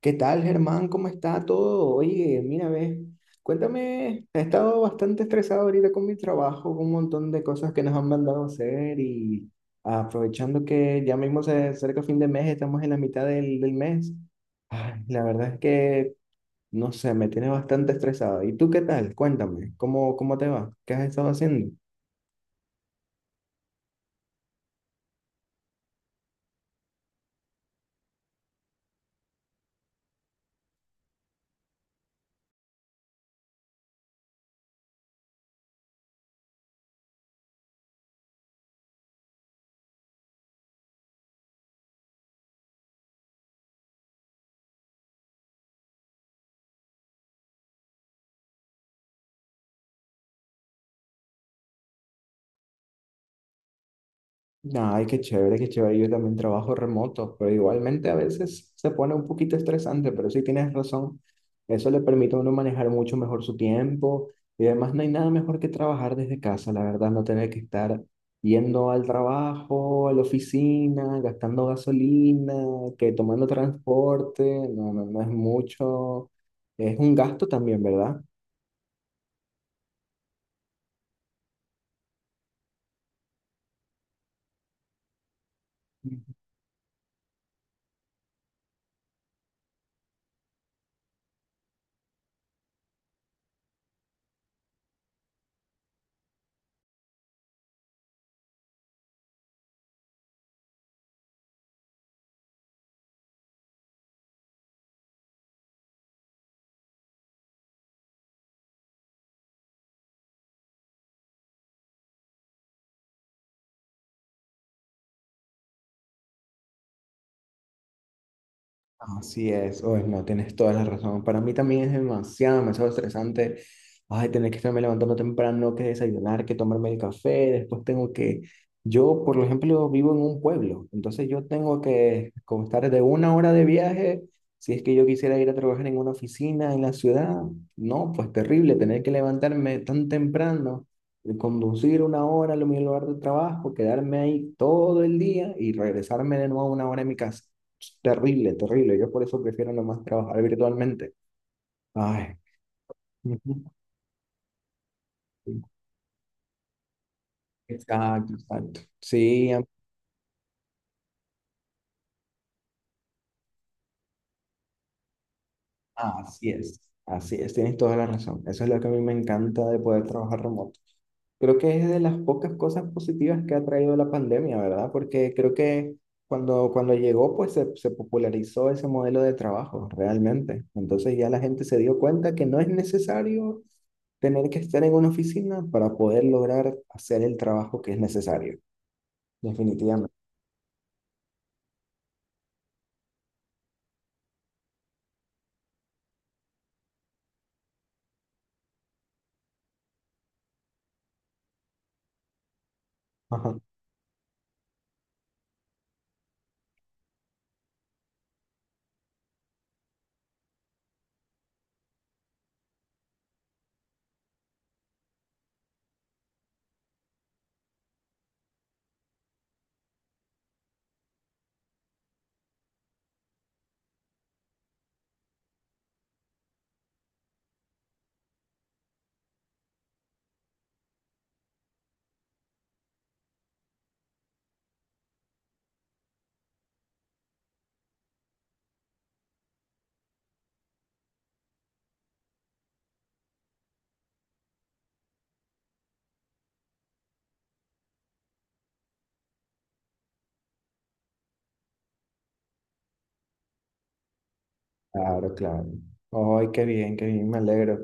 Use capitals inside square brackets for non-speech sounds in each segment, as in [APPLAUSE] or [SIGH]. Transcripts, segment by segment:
¿Qué tal, Germán? ¿Cómo está todo? Oye, mira, ve, cuéntame, he estado bastante estresado ahorita con mi trabajo, con un montón de cosas que nos han mandado a hacer y aprovechando que ya mismo se acerca fin de mes, estamos en la mitad del mes. Ay, la verdad es que, no sé, me tiene bastante estresado. ¿Y tú qué tal? Cuéntame, ¿cómo te va? ¿Qué has estado haciendo? Ay, qué chévere, qué chévere. Yo también trabajo remoto, pero igualmente a veces se pone un poquito estresante, pero sí tienes razón. Eso le permite a uno manejar mucho mejor su tiempo y además no hay nada mejor que trabajar desde casa, la verdad, no tener que estar yendo al trabajo, a la oficina, gastando gasolina, que tomando transporte, no, no, no es mucho. Es un gasto también, ¿verdad? Así es, oye, no, tienes toda la razón. Para mí también es demasiado, demasiado estresante. Ay, tener que estarme levantando temprano, que desayunar, que tomarme el café, después tengo que... Yo, por ejemplo, vivo en un pueblo, entonces yo tengo que constar de una hora de viaje, si es que yo quisiera ir a trabajar en una oficina en la ciudad, no, pues terrible, tener que levantarme tan temprano, conducir una hora a mi lugar de trabajo, quedarme ahí todo el día y regresarme de nuevo una hora a mi casa. Terrible, terrible. Yo por eso prefiero nomás trabajar virtualmente. Ay. Ujú. Exacto, exacto. Sí, así es, así es, tienes toda la razón. Eso es lo que a mí me encanta de poder trabajar remoto. Creo que es de las pocas cosas positivas que ha traído la pandemia, ¿verdad? Porque creo que cuando llegó, pues se popularizó ese modelo de trabajo realmente. Entonces ya la gente se dio cuenta que no es necesario tener que estar en una oficina para poder lograr hacer el trabajo que es necesario, definitivamente. [LAUGHS] Claro, claro. Ay, qué bien, me alegro.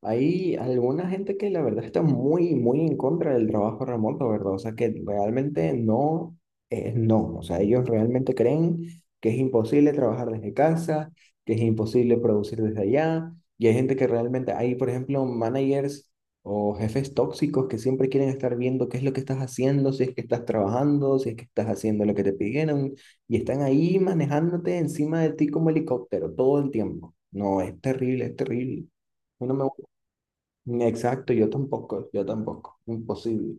Hay alguna gente que la verdad está muy, muy en contra del trabajo remoto, ¿verdad? O sea, que realmente no, es no. O sea, ellos realmente creen que es imposible trabajar desde casa, que es imposible producir desde allá. Y hay gente que realmente, hay, por ejemplo, managers o jefes tóxicos que siempre quieren estar viendo qué es lo que estás haciendo, si es que estás trabajando, si es que estás haciendo lo que te pidieron y están ahí manejándote encima de ti como helicóptero todo el tiempo. No, es terrible, es terrible. Yo no me... Exacto, yo tampoco, yo tampoco. Imposible.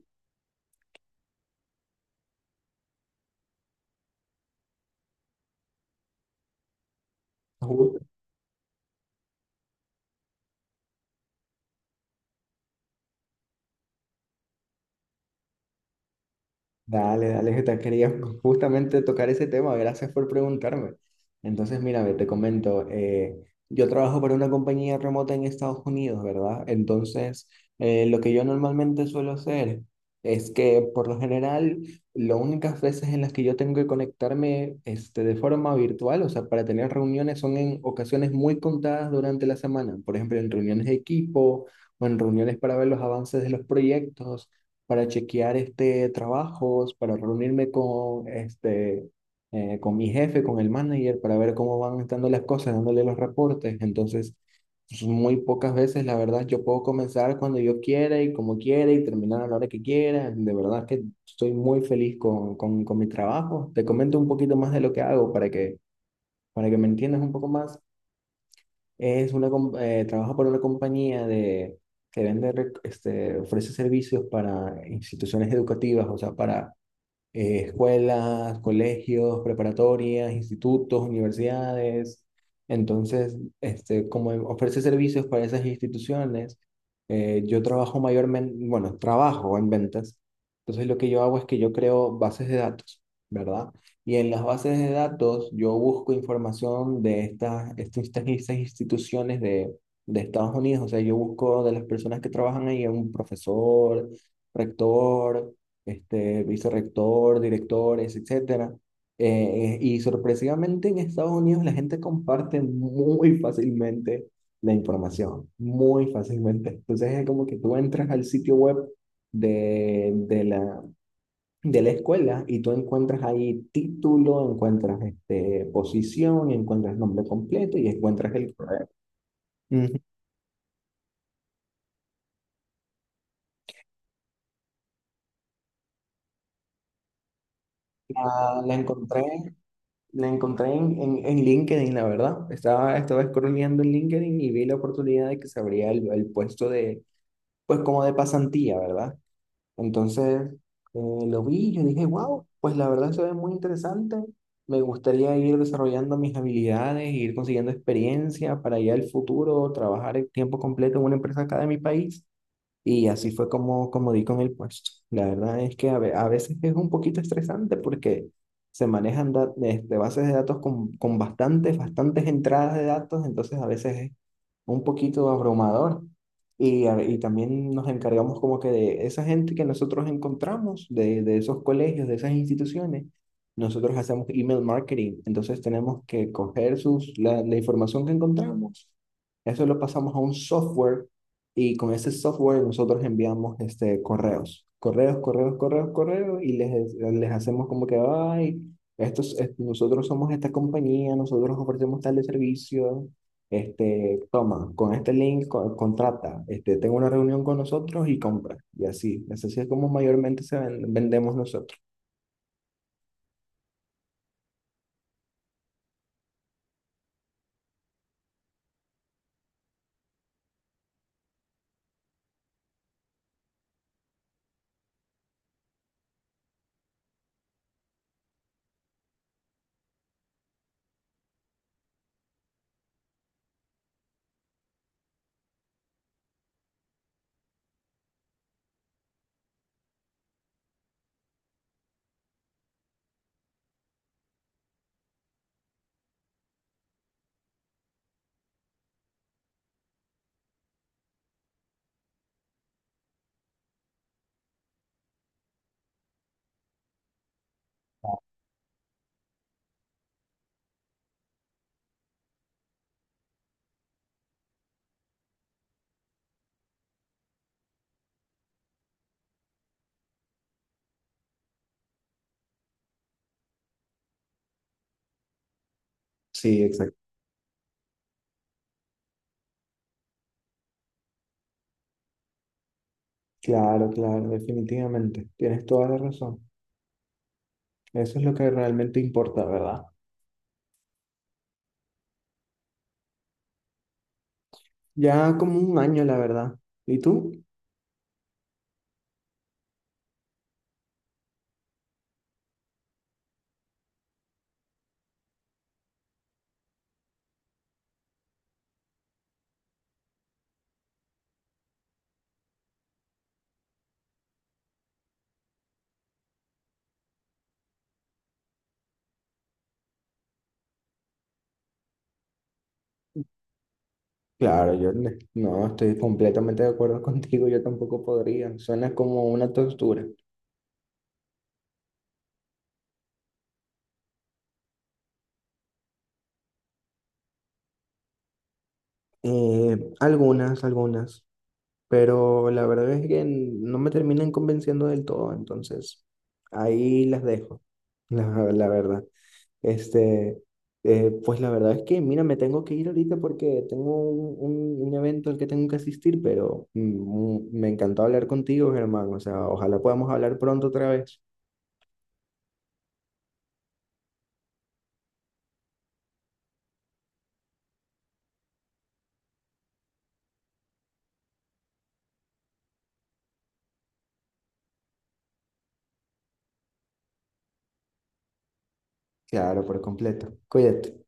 Dale, dale, que te quería [LAUGHS] justamente tocar ese tema, gracias por preguntarme. Entonces, mira, ve, te comento, yo trabajo para una compañía remota en Estados Unidos, ¿verdad? Entonces, lo que yo normalmente suelo hacer es que, por lo general, las únicas veces en las que yo tengo que conectarme, este, de forma virtual, o sea, para tener reuniones, son en ocasiones muy contadas durante la semana, por ejemplo, en reuniones de equipo o en reuniones para ver los avances de los proyectos para chequear este, trabajos, para reunirme con, este, con mi jefe, con el manager, para ver cómo van estando las cosas, dándole los reportes. Entonces, pues, muy pocas veces, la verdad, yo puedo comenzar cuando yo quiera y como quiera y terminar a la hora que quiera. De verdad que estoy muy feliz con mi trabajo. Te comento un poquito más de lo que hago para que me entiendas un poco más. Es una, trabaja para una compañía de, que vende, este, ofrece servicios para instituciones educativas, o sea, para escuelas, colegios, preparatorias, institutos, universidades. Entonces, este, como ofrece servicios para esas instituciones, yo trabajo mayormente, bueno, trabajo en ventas. Entonces, lo que yo hago es que yo creo bases de datos, ¿verdad? Y en las bases de datos yo busco información de estas instituciones de Estados Unidos. O sea, yo busco de las personas que trabajan ahí, un profesor, rector este, vicerrector, directores, etcétera. Y sorpresivamente en Estados Unidos la gente comparte muy fácilmente la información, muy fácilmente. Entonces es como que tú entras al sitio web de, de la, de la escuela y tú encuentras ahí título, encuentras este, posición, encuentras nombre completo y encuentras el correo. Ujú. La, la encontré La encontré en LinkedIn, la verdad. Estaba scrolleando en LinkedIn y vi la oportunidad de que se abría el puesto de, pues como de pasantía, ¿verdad? Entonces eh, lo vi y yo dije, wow, pues la verdad se ve muy interesante. Me gustaría ir desarrollando mis habilidades, ir consiguiendo experiencia para ya el futuro, trabajar en tiempo completo en una empresa acá de mi país. Y así fue como, como di con el puesto. La verdad es que a, a veces es un poquito estresante porque se manejan este, bases de datos con bastantes, bastantes entradas de datos, entonces a veces es un poquito abrumador. Y, y también nos encargamos como que de esa gente que nosotros encontramos, de esos colegios, de esas instituciones, nosotros hacemos email marketing, entonces tenemos que coger sus, la información que encontramos. Eso lo pasamos a un software y con ese software nosotros enviamos este, correos, correos, correos, correos, correos, y les hacemos como que, ay, estos, nosotros somos esta compañía, nosotros ofrecemos tal de servicio, este, toma, con este link contrata, este, tengo una reunión con nosotros y compra, y así, así es como mayormente se vendemos nosotros. Sí, exacto. Claro, claro, definitivamente, tienes toda la razón. Eso es lo que realmente importa, ¿verdad? Ya como un año, la verdad. ¿Y tú? Claro, yo no estoy completamente de acuerdo [LAUGHS] contigo, yo tampoco podría, suena como una tortura. Algunas, algunas, pero la verdad es que no me terminan convenciendo del todo, entonces ahí las dejo, la, la verdad. Este, pues la verdad es que, mira, me tengo que ir ahorita porque tengo un, un evento al que tengo que asistir, pero mm, me encantó hablar contigo, Germán, o sea, ojalá podamos hablar pronto otra vez. Claro, por completo. Cuídate.